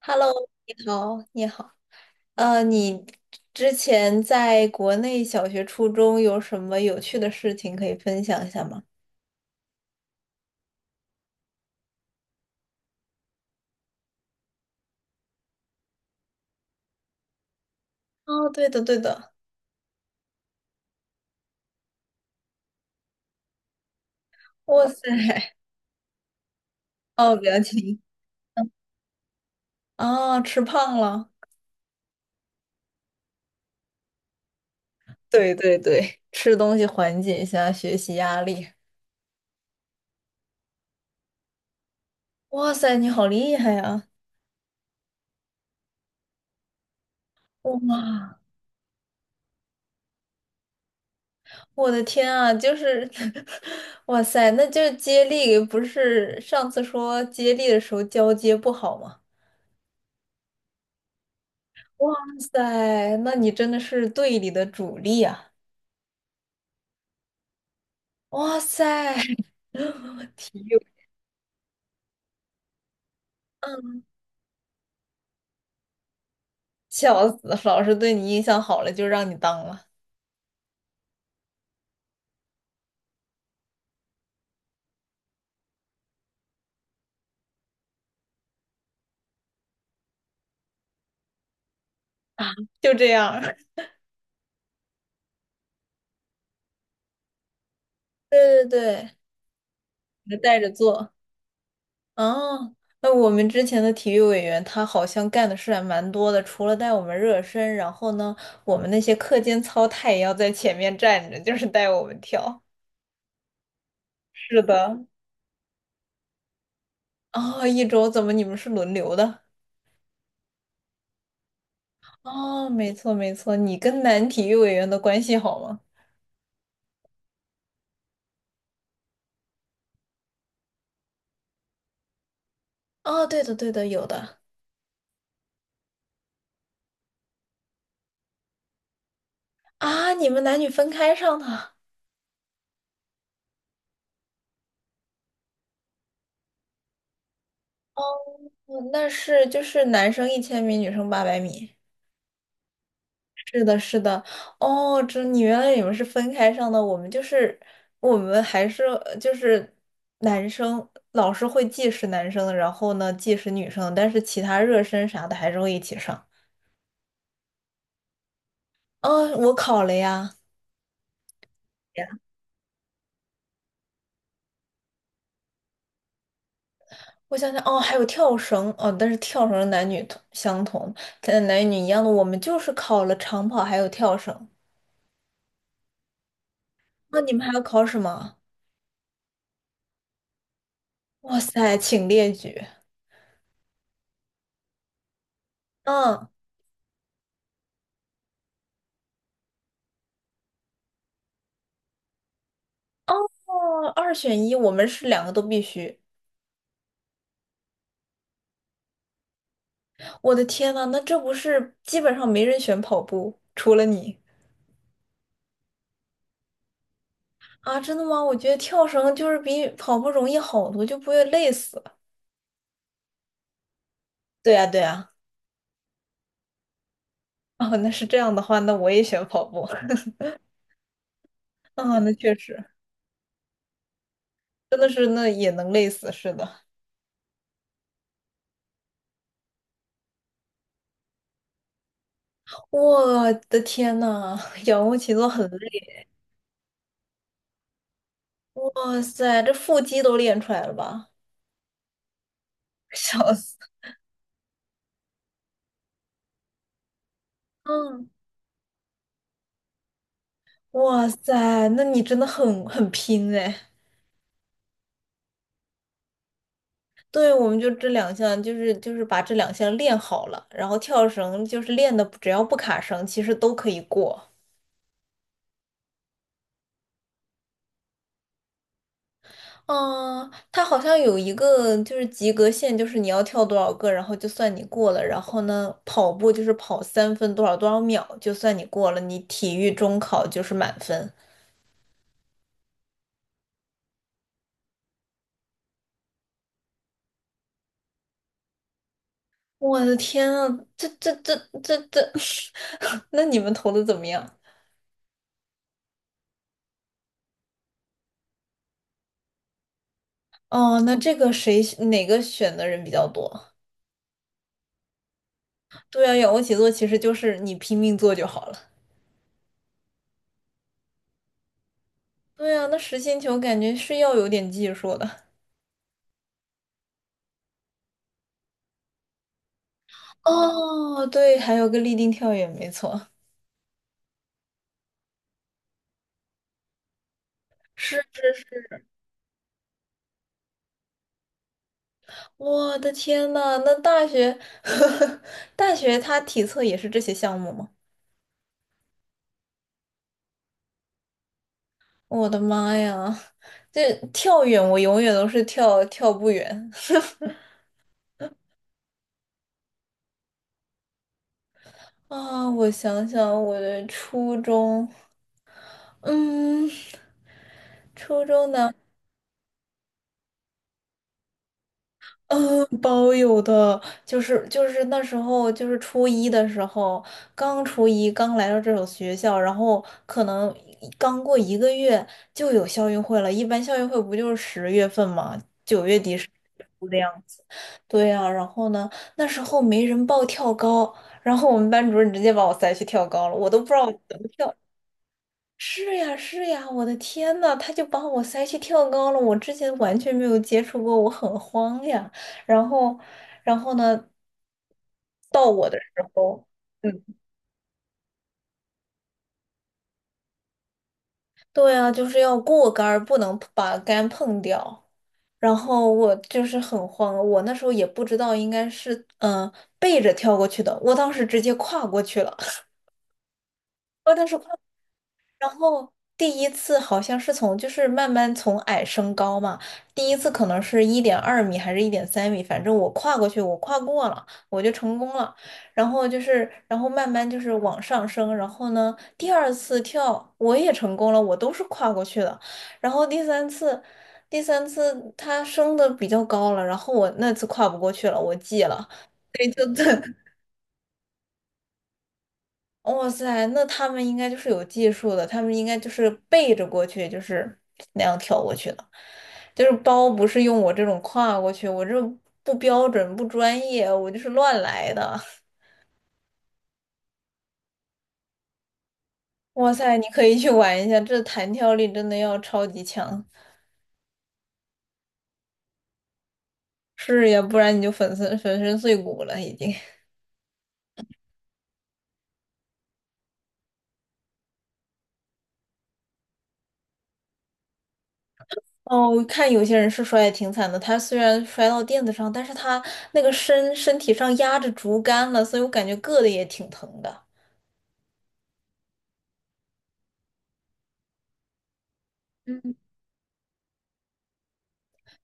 Hello，你好，你好。你之前在国内小学、初中有什么有趣的事情可以分享一下吗？哦，对的，对的。哇塞，哦，不要哦，吃胖了。对对对，吃东西缓解一下学习压力。哇塞，你好厉害呀！哇，我的天啊，就是，哇塞，那就是接力，不是上次说接力的时候交接不好吗？哇塞，那你真的是队里的主力啊！哇塞，体育，嗯，笑死了老师对你印象好了就让你当了，就这样儿 对对对，你带着做。哦，那我们之前的体育委员他好像干的事还蛮多的，除了带我们热身，然后呢，我们那些课间操他也要在前面站着，就是带我们跳。是的。哦，一周怎么你们是轮流的？哦，没错没错，你跟男体育委员的关系好吗？哦，对的对的，有的啊，你们男女分开上的，哦，那是就是男生1000米，女生八百米，是的是的，哦，这你原来你们是分开上的，我们就是男生，老师会计时男生，然后呢计时女生，但是其他热身啥的还是会一起上。哦，我考了呀。我想想，哦，还有跳绳，哦，但是跳绳男女同相同，男女一样的，我们就是考了长跑还有跳绳。那你们还要考什么？哇塞，请列举。嗯，哦，二选一，我们是两个都必须。我的天呐，那这不是基本上没人选跑步，除了你啊？真的吗？我觉得跳绳就是比跑步容易好多，就不会累死。对呀，对呀。哦，那是这样的话，那我也选跑步。啊，那确实，真的是那也能累死，是的。我的天呐，仰卧起坐很累，哇塞，这腹肌都练出来了吧？笑死！嗯，哇塞，那你真的很拼哎。对，我们就这两项，就是把这两项练好了，然后跳绳就是练的，只要不卡绳，其实都可以过。嗯，它好像有一个就是及格线，就是你要跳多少个，然后就算你过了。然后呢，跑步就是跑三分多少多少秒，就算你过了。你体育中考就是满分。我的天啊，这这这这，那你们投的怎么样？哦，那这个谁哪个选的人比较多？对啊，仰卧起坐其实就是你拼命做就好了。对啊，那实心球感觉是要有点技术的。哦，对，还有个立定跳远，没错。是是是，我的天呐，那大学，大学它体测也是这些项目吗？我的妈呀，这跳远我永远都是跳不远。啊，我想想，我的初中，嗯，初中呢，嗯，包有的，就是那时候就是初一的时候，刚初一刚来到这所学校，然后可能刚过一个月就有校运会了，一般校运会不就是10月份嘛，9月底10月初的样子。对呀，然后呢，那时候没人报跳高，然后我们班主任直接把我塞去跳高了，我都不知道我怎么跳。是呀，是呀，我的天呐，他就把我塞去跳高了，我之前完全没有接触过，我很慌呀。然后，然后呢，到我的时候，嗯，对啊，就是要过杆儿，不能把杆碰掉。然后我就是很慌，我那时候也不知道应该是嗯、呃背着跳过去的，我当时直接跨过去了，我当时。跨。然后第一次好像是从就是慢慢从矮升高嘛，第一次可能是1.2米还是1.3米，反正我跨过去，我跨过了，我就成功了。然后就是，然后慢慢就是往上升，然后呢，第二次跳我也成功了，我都是跨过去的。然后第三次它升的比较高了，然后我那次跨不过去了，我记了，对，就 对，哇塞，那他们应该就是有技术的，他们应该就是背着过去，就是那样跳过去的，就是包不是用我这种跨过去，我这不标准不专业，我就是乱来的。哇塞，你可以去玩一下，这弹跳力真的要超级强，是呀，不然你就粉身碎骨了已经。哦，我看有些人是摔的挺惨的，他虽然摔到垫子上，但是他那个身体上压着竹竿了，所以我感觉硌的也挺疼的。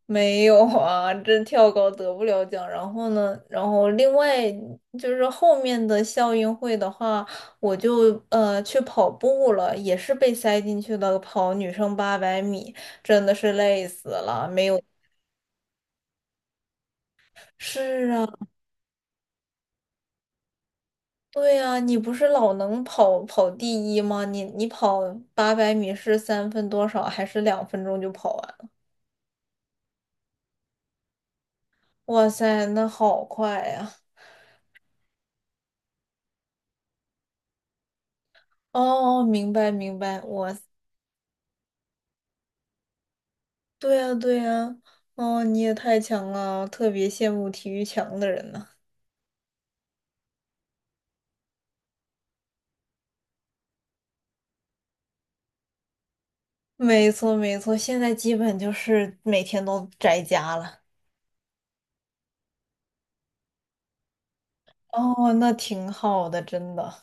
没有啊，这跳高得不了奖。然后呢，然后另外就是后面的校运会的话，我就去跑步了，也是被塞进去的，跑女生八百米，真的是累死了，没有。是啊，对啊，你不是老能跑第一吗？你跑八百米是三分多少，还是2分钟就跑完了哇塞，那好快呀！哦，明白明白，我。对呀，对呀，哦，你也太强了，特别羡慕体育强的人呢。没错，没错，现在基本就是每天都宅家了。哦，那挺好的，真的。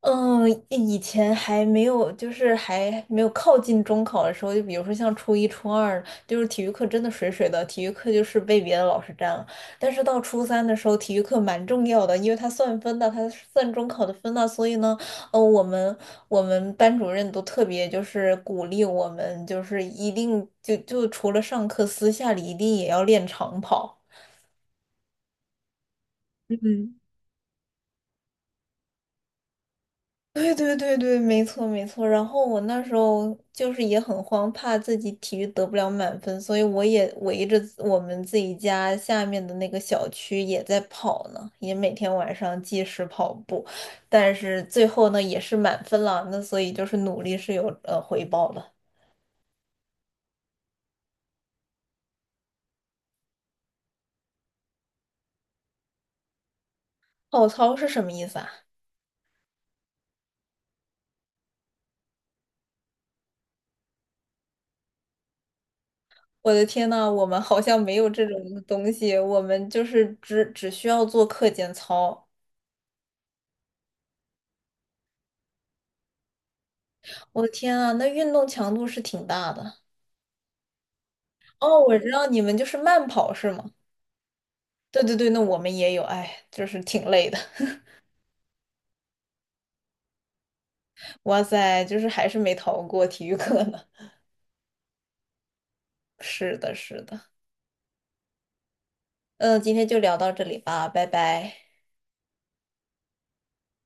嗯，以前还没有，就是还没有靠近中考的时候，就比如说像初一、初二，就是体育课真的水水的，体育课就是被别的老师占了。但是到初三的时候，体育课蛮重要的，因为它算分的，它算中考的分的。所以呢，呃，我们我们班主任都特别就是鼓励我们，就是一定就除了上课，私下里一定也要练长跑。嗯。对对对对，没错没错。然后我那时候就是也很慌，怕自己体育得不了满分，所以我也围着我们自己家下面的那个小区也在跑呢，也每天晚上计时跑步。但是最后呢，也是满分了，那所以就是努力是有回报的。跑操是什么意思啊？我的天呐，我们好像没有这种东西，我们就是只需要做课间操。我的天啊，那运动强度是挺大的。哦，我知道你们就是慢跑是吗？对对对，那我们也有，哎，就是挺累的。哇塞，就是还是没逃过体育课呢。是的，是的。嗯，今天就聊到这里吧，拜拜。